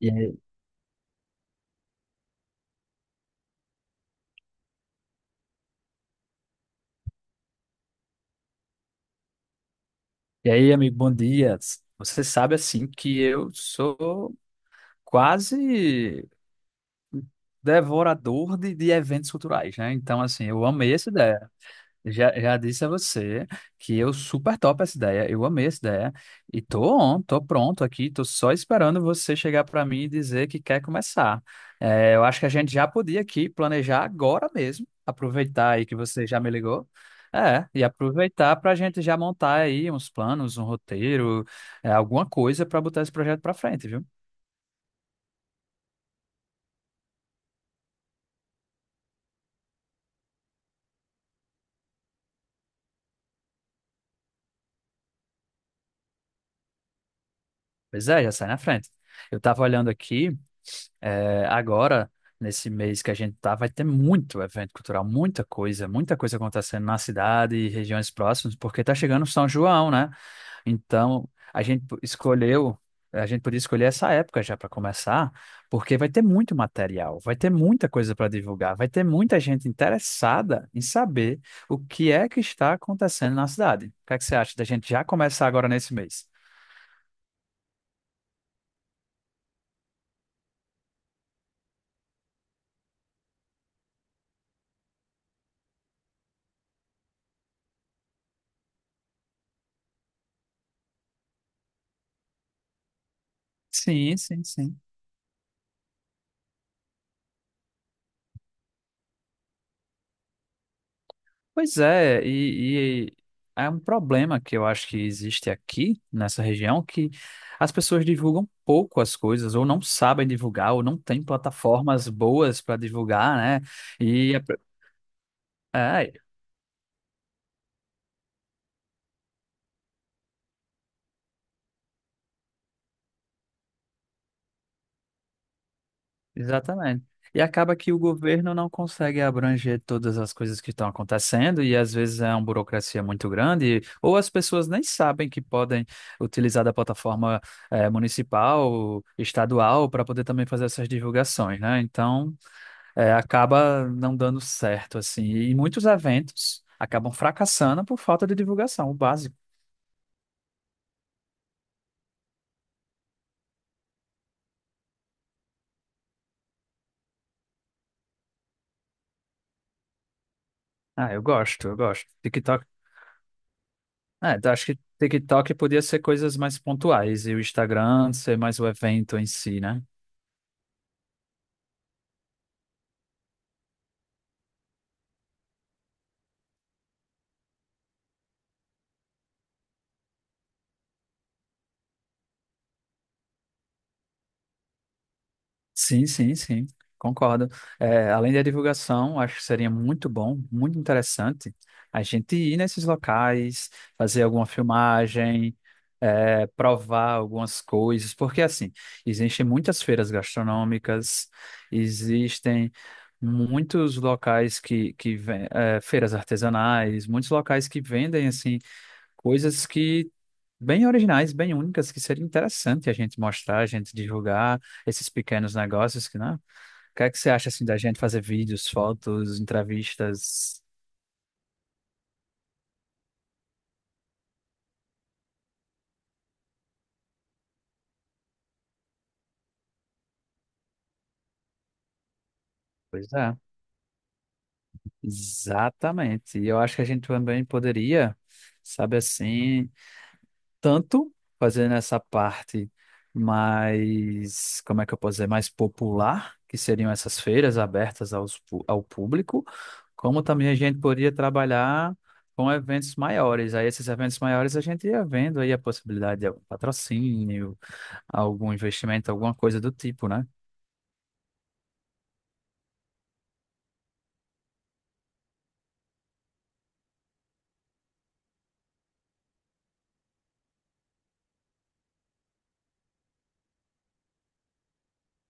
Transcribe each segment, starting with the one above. E aí, amigo, bom dia. Você sabe, assim, que eu sou quase devorador de eventos culturais, né? Então, assim, eu amei essa ideia. Já disse a você que eu super topo essa ideia, eu amei essa ideia e tô on, tô pronto aqui, tô só esperando você chegar para mim e dizer que quer começar. É, eu acho que a gente já podia aqui planejar agora mesmo, aproveitar aí que você já me ligou, e aproveitar para a gente já montar aí uns planos, um roteiro, alguma coisa para botar esse projeto para frente, viu? Pois é, já sai na frente. Eu tava olhando aqui. É, agora, nesse mês que a gente tá, vai ter muito evento cultural, muita coisa acontecendo na cidade e regiões próximas, porque tá chegando São João, né? Então, escolheu, a gente podia escolher essa época já para começar, porque vai ter muito material, vai ter muita coisa para divulgar, vai ter muita gente interessada em saber o que é que está acontecendo na cidade. O que é que você acha da gente já começar agora nesse mês? Sim, sim, sim. Pois é, e é um problema que eu acho que existe aqui nessa região, que as pessoas divulgam pouco as coisas, ou não sabem divulgar, ou não têm plataformas boas para divulgar, né? E é, é, exatamente. E acaba que o governo não consegue abranger todas as coisas que estão acontecendo, e às vezes é uma burocracia muito grande, ou as pessoas nem sabem que podem utilizar da plataforma, municipal, estadual, para poder também fazer essas divulgações, né? Acaba não dando certo, assim. E muitos eventos acabam fracassando por falta de divulgação, o básico. Ah, eu gosto, eu gosto. TikTok. É, eu acho que TikTok podia ser coisas mais pontuais e o Instagram ser mais o evento em si, né? Sim, sim, sim, concordo. É, além da divulgação, acho que seria muito bom, muito interessante a gente ir nesses locais, fazer alguma filmagem, provar algumas coisas, porque assim, existem muitas feiras gastronômicas, existem muitos locais feiras artesanais, muitos locais que vendem assim coisas que bem originais, bem únicas, que seria interessante a gente mostrar, a gente divulgar esses pequenos negócios que não. O que é que você acha assim da gente fazer vídeos, fotos, entrevistas? Pois é, exatamente. E eu acho que a gente também poderia, sabe assim, tanto fazendo essa parte mais, como é que eu posso dizer, mais popular, que seriam essas feiras abertas ao público, como também a gente poderia trabalhar com eventos maiores. Aí esses eventos maiores a gente ia vendo aí a possibilidade de algum patrocínio, algum investimento, alguma coisa do tipo, né?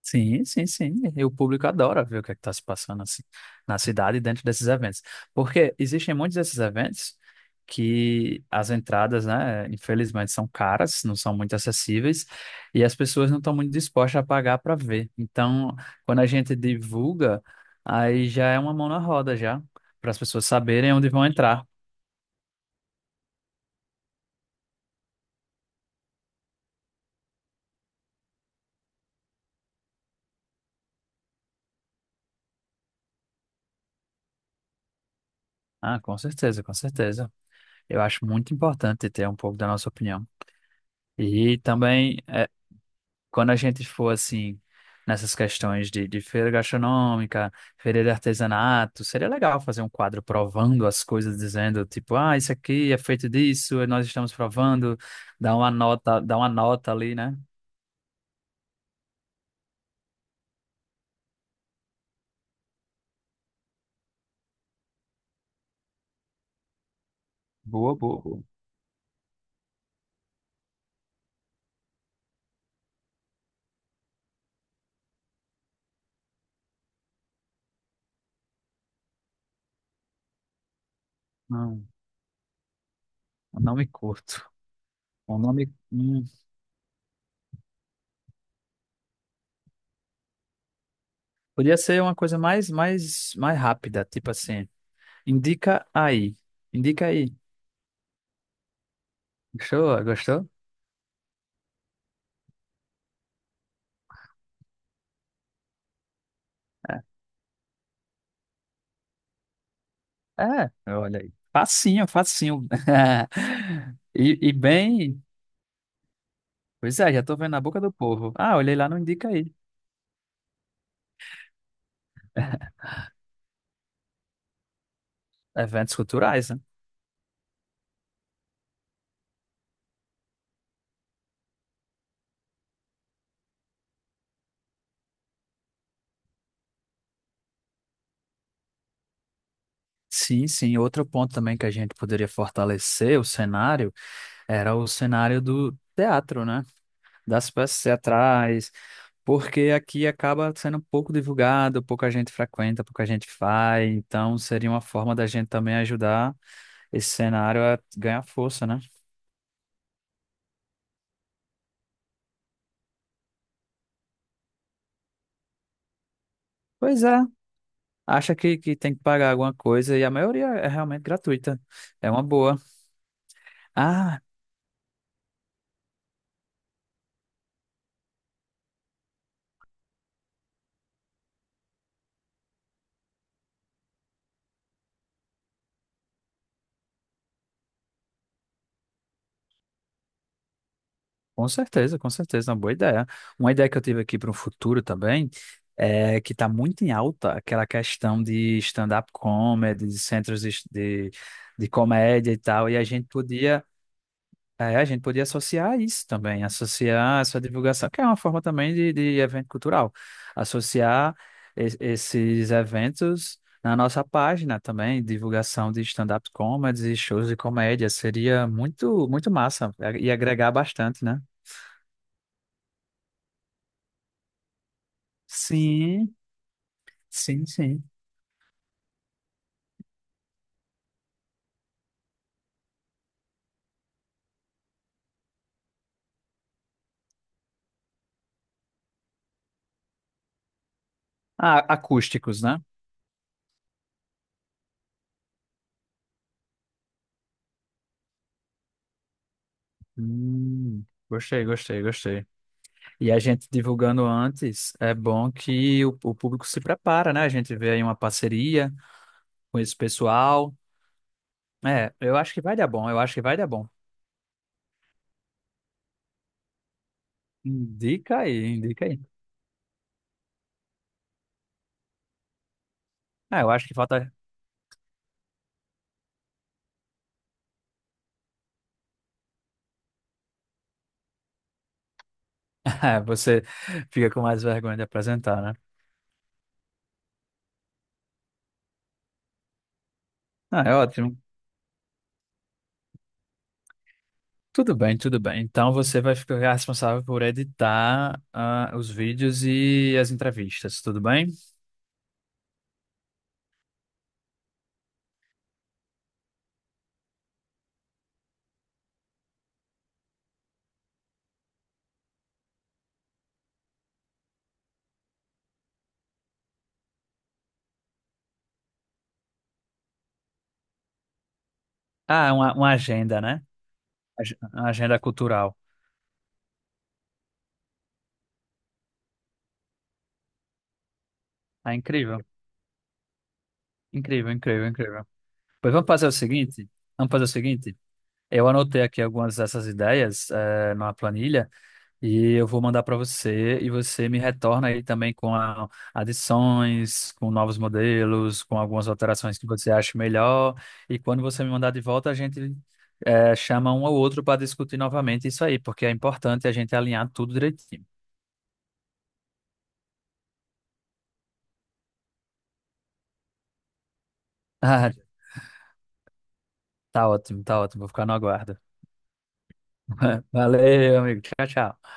Sim, sim, sim. E o público adora ver o que é que está se passando assim, na cidade e dentro desses eventos. Porque existem muitos desses eventos que as entradas, né, infelizmente são caras, não são muito acessíveis e as pessoas não estão muito dispostas a pagar para ver. Então, quando a gente divulga, aí já é uma mão na roda já, para as pessoas saberem onde vão entrar. Ah, com certeza, com certeza. Eu acho muito importante ter um pouco da nossa opinião. E também quando a gente for assim nessas questões de feira gastronômica, feira de artesanato, seria legal fazer um quadro provando as coisas, dizendo tipo, ah, isso aqui é feito disso, e nós estamos provando, dá uma nota ali, né? Boa, boa, boa. Não, eu não me curto. O nome, podia ser uma coisa mais, mais, mais rápida, tipo assim, indica aí, indica aí. Gostou? Gostou? É, olha aí. Facinho, facinho. E bem, pois é, já estou vendo na boca do povo. Ah, olhei lá, não indica aí. Eventos culturais, né? Sim, sim. Outro ponto também que a gente poderia fortalecer o cenário era o cenário do teatro, né? Das peças teatrais, porque aqui acaba sendo pouco divulgado, pouca gente frequenta, pouca gente faz. Então, seria uma forma da gente também ajudar esse cenário a ganhar força, né? Pois é, acha que tem que pagar alguma coisa e a maioria é realmente gratuita. É uma boa. Ah, com certeza, uma boa ideia. Uma ideia que eu tive aqui para o futuro também é que está muito em alta aquela questão de stand-up comedy, de centros de comédia e tal, e a gente podia... É, a gente podia associar isso também, associar essa divulgação, que é uma forma também de evento cultural, associar esses eventos na nossa página também, divulgação de stand-up comedy, e shows de comédia, seria muito, muito massa é, e agregar bastante, né? Sim, sim, sim. Ah, acústicos, né? Hum, gostei, gostei, gostei. E a gente divulgando antes, é bom que o público se prepara, né? A gente vê aí uma parceria com esse pessoal. É, eu acho que vai dar bom, eu acho que vai dar bom. Indica aí, indica aí. Ah, eu acho que falta. É, você fica com mais vergonha de apresentar, né? Ah, é ótimo. Tudo bem, tudo bem. Então você vai ficar responsável por editar os vídeos e as entrevistas, tudo bem? Ah, é uma agenda, né? Uma agenda cultural. Ah, incrível, incrível, incrível, incrível. Pois vamos fazer o seguinte, vamos fazer o seguinte. Eu anotei aqui algumas dessas ideias numa planilha. E eu vou mandar para você e você me retorna aí também com adições, com novos modelos, com algumas alterações que você acha melhor. E quando você me mandar de volta, a gente chama um ao outro para discutir novamente isso aí, porque é importante a gente alinhar tudo direitinho. Ah, tá ótimo, tá ótimo. Vou ficar no aguardo. Valeu, amigo. Tchau, tchau.